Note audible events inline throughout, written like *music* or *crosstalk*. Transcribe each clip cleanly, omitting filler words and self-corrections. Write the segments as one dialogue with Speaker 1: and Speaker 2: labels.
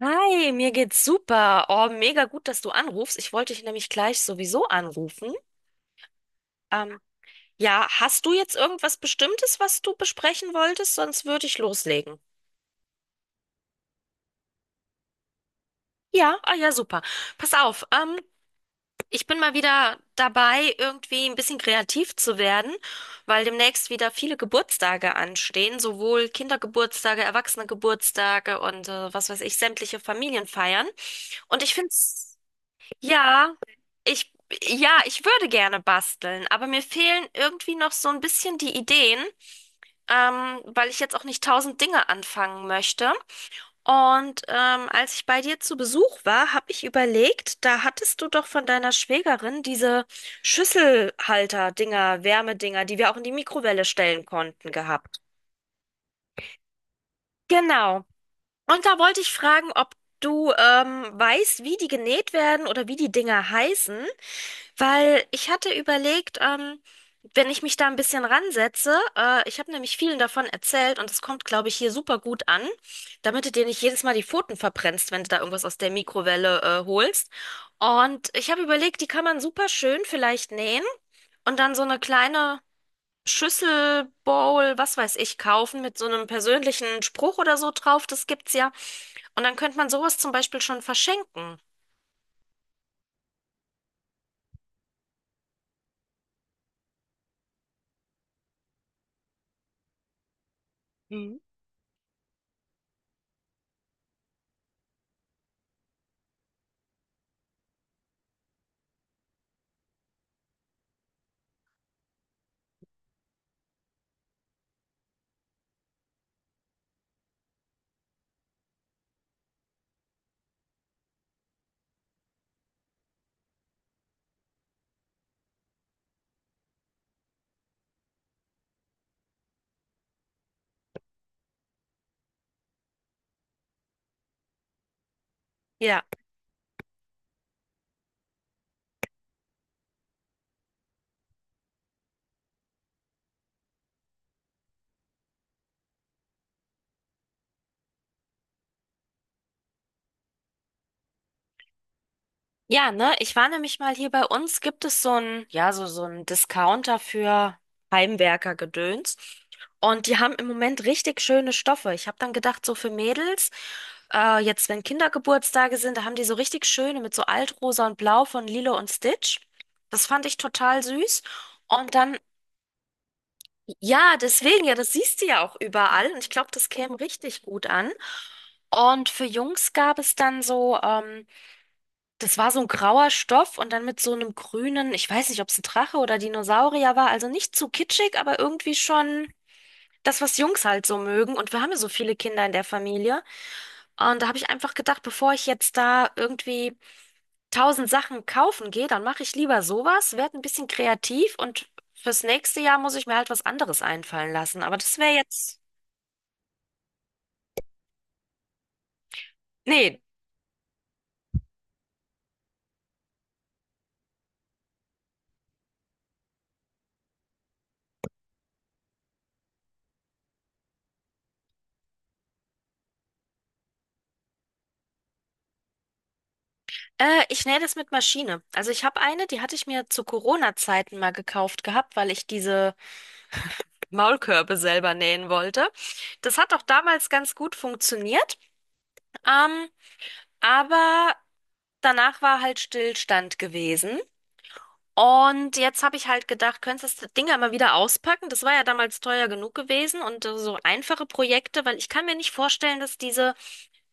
Speaker 1: Hi, mir geht's super. Oh, mega gut, dass du anrufst. Ich wollte dich nämlich gleich sowieso anrufen. Ähm, ja, hast du jetzt irgendwas Bestimmtes, was du besprechen wolltest? Sonst würde ich loslegen. Ja, ah ja, super. Pass auf, ich bin mal wieder dabei, irgendwie ein bisschen kreativ zu werden, weil demnächst wieder viele Geburtstage anstehen, sowohl Kindergeburtstage, Erwachsenegeburtstage und was weiß ich, sämtliche Familienfeiern. Und ich finde es ja, ich, ja, ich würde gerne basteln, aber mir fehlen irgendwie noch so ein bisschen die Ideen, weil ich jetzt auch nicht tausend Dinge anfangen möchte. Und als ich bei dir zu Besuch war, habe ich überlegt, da hattest du doch von deiner Schwägerin diese Schüsselhalter-Dinger, Wärmedinger, die wir auch in die Mikrowelle stellen konnten, gehabt. Genau. Und da wollte ich fragen, ob du weißt, wie die genäht werden oder wie die Dinger heißen. Weil ich hatte überlegt, wenn ich mich da ein bisschen ransetze, ich habe nämlich vielen davon erzählt und es kommt, glaube ich, hier super gut an, damit du dir nicht jedes Mal die Pfoten verbrennst, wenn du da irgendwas aus der Mikrowelle, holst. Und ich habe überlegt, die kann man super schön vielleicht nähen und dann so eine kleine Schüssel, Bowl, was weiß ich, kaufen mit so einem persönlichen Spruch oder so drauf. Das gibt's ja. Und dann könnte man sowas zum Beispiel schon verschenken. Mhm. Ja. Ja, ne, ich war nämlich mal hier bei uns, gibt es so ein, ja, so, so ein Discounter für Heimwerker-Gedöns. Und die haben im Moment richtig schöne Stoffe. Ich habe dann gedacht, so für Mädels, jetzt wenn Kindergeburtstage sind, da haben die so richtig schöne mit so Altrosa und Blau von Lilo und Stitch. Das fand ich total süß. Und dann, ja, deswegen, ja, das siehst du ja auch überall. Und ich glaube, das käme richtig gut an. Und für Jungs gab es dann so, das war so ein grauer Stoff und dann mit so einem grünen, ich weiß nicht, ob es ein Drache oder Dinosaurier war, also nicht zu kitschig, aber irgendwie schon das, was Jungs halt so mögen. Und wir haben ja so viele Kinder in der Familie. Und da habe ich einfach gedacht, bevor ich jetzt da irgendwie tausend Sachen kaufen gehe, dann mache ich lieber sowas, werde ein bisschen kreativ und fürs nächste Jahr muss ich mir halt was anderes einfallen lassen. Aber das wäre jetzt, nee. Ich nähe das mit Maschine. Also ich habe eine, die hatte ich mir zu Corona-Zeiten mal gekauft gehabt, weil ich diese Maulkörbe selber nähen wollte. Das hat auch damals ganz gut funktioniert, ähm, aber danach war halt Stillstand gewesen. Und jetzt habe ich halt gedacht, könntest du das Ding ja mal wieder auspacken? Das war ja damals teuer genug gewesen und so einfache Projekte, weil ich kann mir nicht vorstellen, dass diese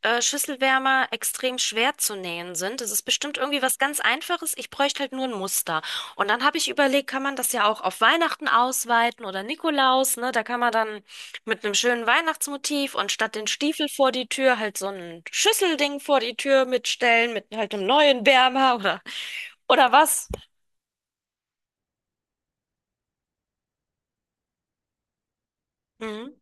Speaker 1: Schüsselwärmer extrem schwer zu nähen sind. Das ist bestimmt irgendwie was ganz Einfaches. Ich bräuchte halt nur ein Muster. Und dann habe ich überlegt, kann man das ja auch auf Weihnachten ausweiten oder Nikolaus, ne? Da kann man dann mit einem schönen Weihnachtsmotiv und statt den Stiefel vor die Tür halt so ein Schüsselding vor die Tür mitstellen mit halt einem neuen Wärmer oder was. Mhm.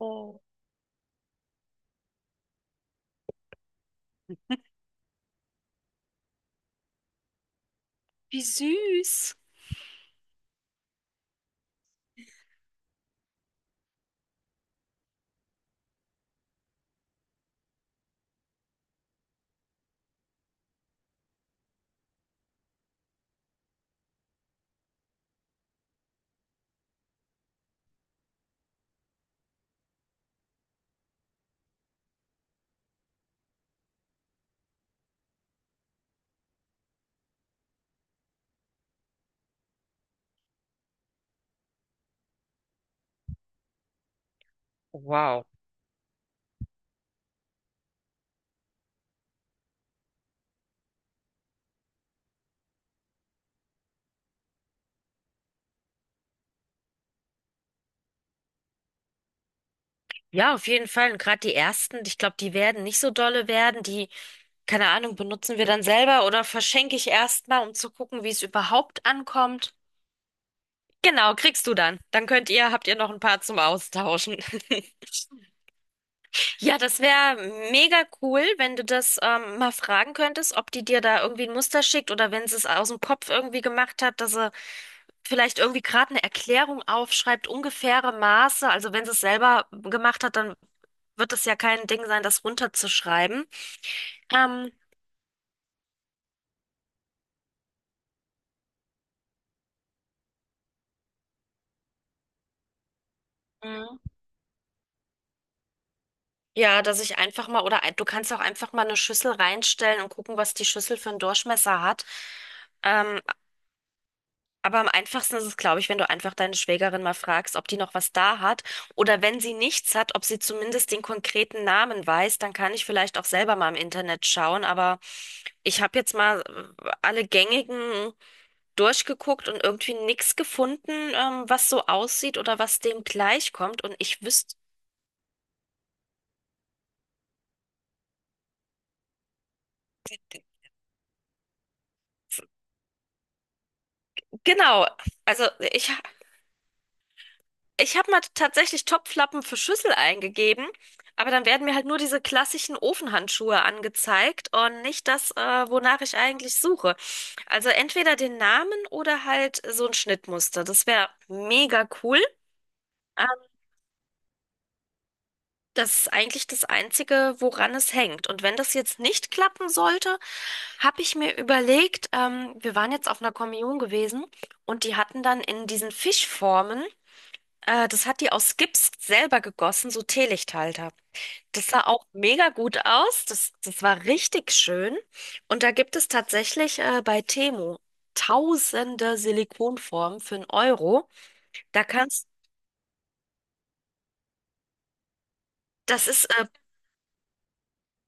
Speaker 1: Oh, wie süß. Wow. Ja, auf jeden Fall. Und gerade die ersten, ich glaube, die werden nicht so dolle werden. Die keine Ahnung, benutzen wir dann selber oder verschenke ich erstmal, um zu gucken, wie es überhaupt ankommt? Genau, kriegst du dann. Dann könnt ihr, habt ihr noch ein paar zum Austauschen. *laughs* Ja, das wäre mega cool, wenn du das mal fragen könntest, ob die dir da irgendwie ein Muster schickt oder wenn sie es aus dem Kopf irgendwie gemacht hat, dass sie vielleicht irgendwie gerade eine Erklärung aufschreibt, ungefähre Maße. Also wenn sie es selber gemacht hat, dann wird das ja kein Ding sein, das runterzuschreiben. Ähm, Ja, dass ich einfach mal, oder ein- du kannst auch einfach mal eine Schüssel reinstellen und gucken, was die Schüssel für einen Durchmesser hat. Ähm, aber am einfachsten ist es, glaube ich, wenn du einfach deine Schwägerin mal fragst, ob die noch was da hat oder wenn sie nichts hat, ob sie zumindest den konkreten Namen weiß, dann kann ich vielleicht auch selber mal im Internet schauen. Aber ich habe jetzt mal alle gängigen durchgeguckt und irgendwie nichts gefunden, was so aussieht oder was dem gleichkommt. Und ich wüsste, genau, also ich ich habe mal tatsächlich Topflappen für Schüssel eingegeben, aber dann werden mir halt nur diese klassischen Ofenhandschuhe angezeigt und nicht das, wonach ich eigentlich suche. Also entweder den Namen oder halt so ein Schnittmuster. Das wäre mega cool. Ähm, das ist eigentlich das Einzige, woran es hängt. Und wenn das jetzt nicht klappen sollte, habe ich mir überlegt, wir waren jetzt auf einer Kommunion gewesen und die hatten dann in diesen Fischformen, das hat die aus Gips selber gegossen, so Teelichthalter. Das sah auch mega gut aus. Das war richtig schön. Und da gibt es tatsächlich bei Temu tausende Silikonformen für einen Euro. Da kannst, das ist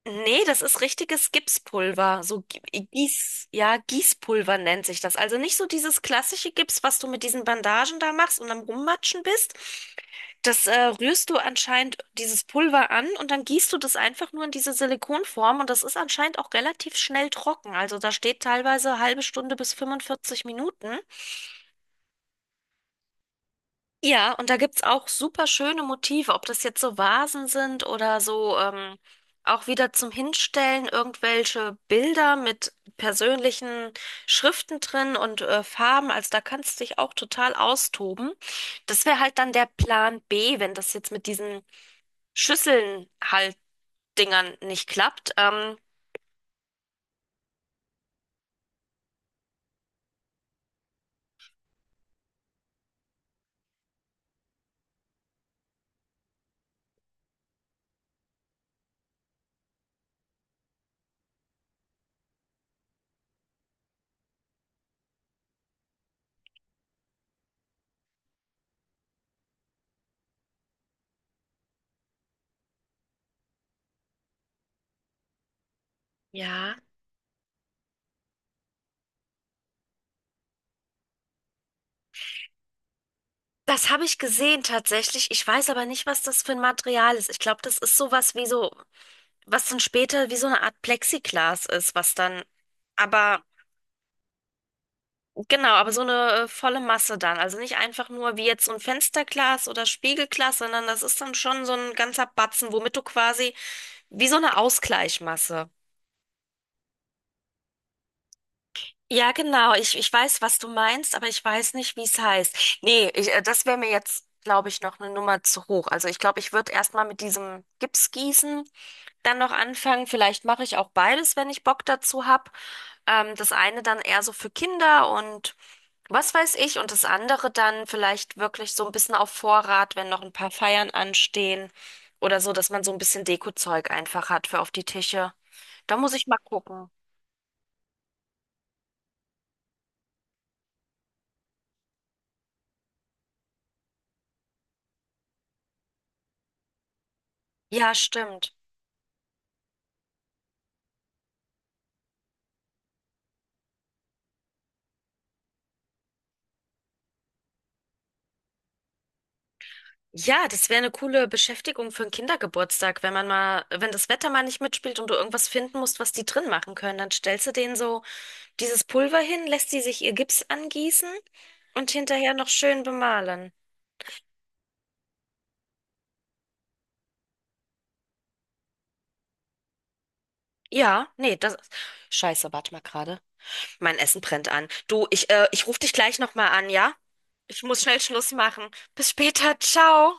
Speaker 1: nee, das ist richtiges Gipspulver. So Gi- Gieß, ja, Gießpulver nennt sich das. Also nicht so dieses klassische Gips, was du mit diesen Bandagen da machst und am Rummatschen bist. Das rührst du anscheinend dieses Pulver an und dann gießt du das einfach nur in diese Silikonform und das ist anscheinend auch relativ schnell trocken. Also da steht teilweise halbe Stunde bis 45 Minuten. Ja, und da gibt's auch super schöne Motive, ob das jetzt so Vasen sind oder so auch wieder zum Hinstellen irgendwelche Bilder mit persönlichen Schriften drin und Farben. Also da kannst du dich auch total austoben. Das wäre halt dann der Plan B, wenn das jetzt mit diesen Schüsseln halt Dingern nicht klappt. Ja. Das habe ich gesehen tatsächlich. Ich weiß aber nicht, was das für ein Material ist. Ich glaube, das ist sowas wie so. Was dann später wie so eine Art Plexiglas ist, was dann, aber genau, aber so eine volle Masse dann. Also nicht einfach nur wie jetzt so ein Fensterglas oder Spiegelglas, sondern das ist dann schon so ein ganzer Batzen, womit du quasi wie so eine Ausgleichmasse. Ja, genau. Ich weiß, was du meinst, aber ich weiß nicht, wie es heißt. Nee, ich, das wäre mir jetzt, glaube ich, noch eine Nummer zu hoch. Also ich glaube, ich würde erstmal mit diesem Gipsgießen dann noch anfangen. Vielleicht mache ich auch beides, wenn ich Bock dazu habe. Das eine dann eher so für Kinder und was weiß ich und das andere dann vielleicht wirklich so ein bisschen auf Vorrat, wenn noch ein paar Feiern anstehen oder so, dass man so ein bisschen Dekozeug einfach hat für auf die Tische. Da muss ich mal gucken. Ja, stimmt. Ja, das wäre eine coole Beschäftigung für einen Kindergeburtstag, wenn man mal, wenn das Wetter mal nicht mitspielt und du irgendwas finden musst, was die drin machen können, dann stellst du denen so dieses Pulver hin, lässt sie sich ihr Gips angießen und hinterher noch schön bemalen. Ja, nee, das ist. Scheiße, warte mal gerade. Mein Essen brennt an. Du, ich, ich rufe dich gleich nochmal an, ja? Ich muss schnell Schluss machen. Bis später, ciao.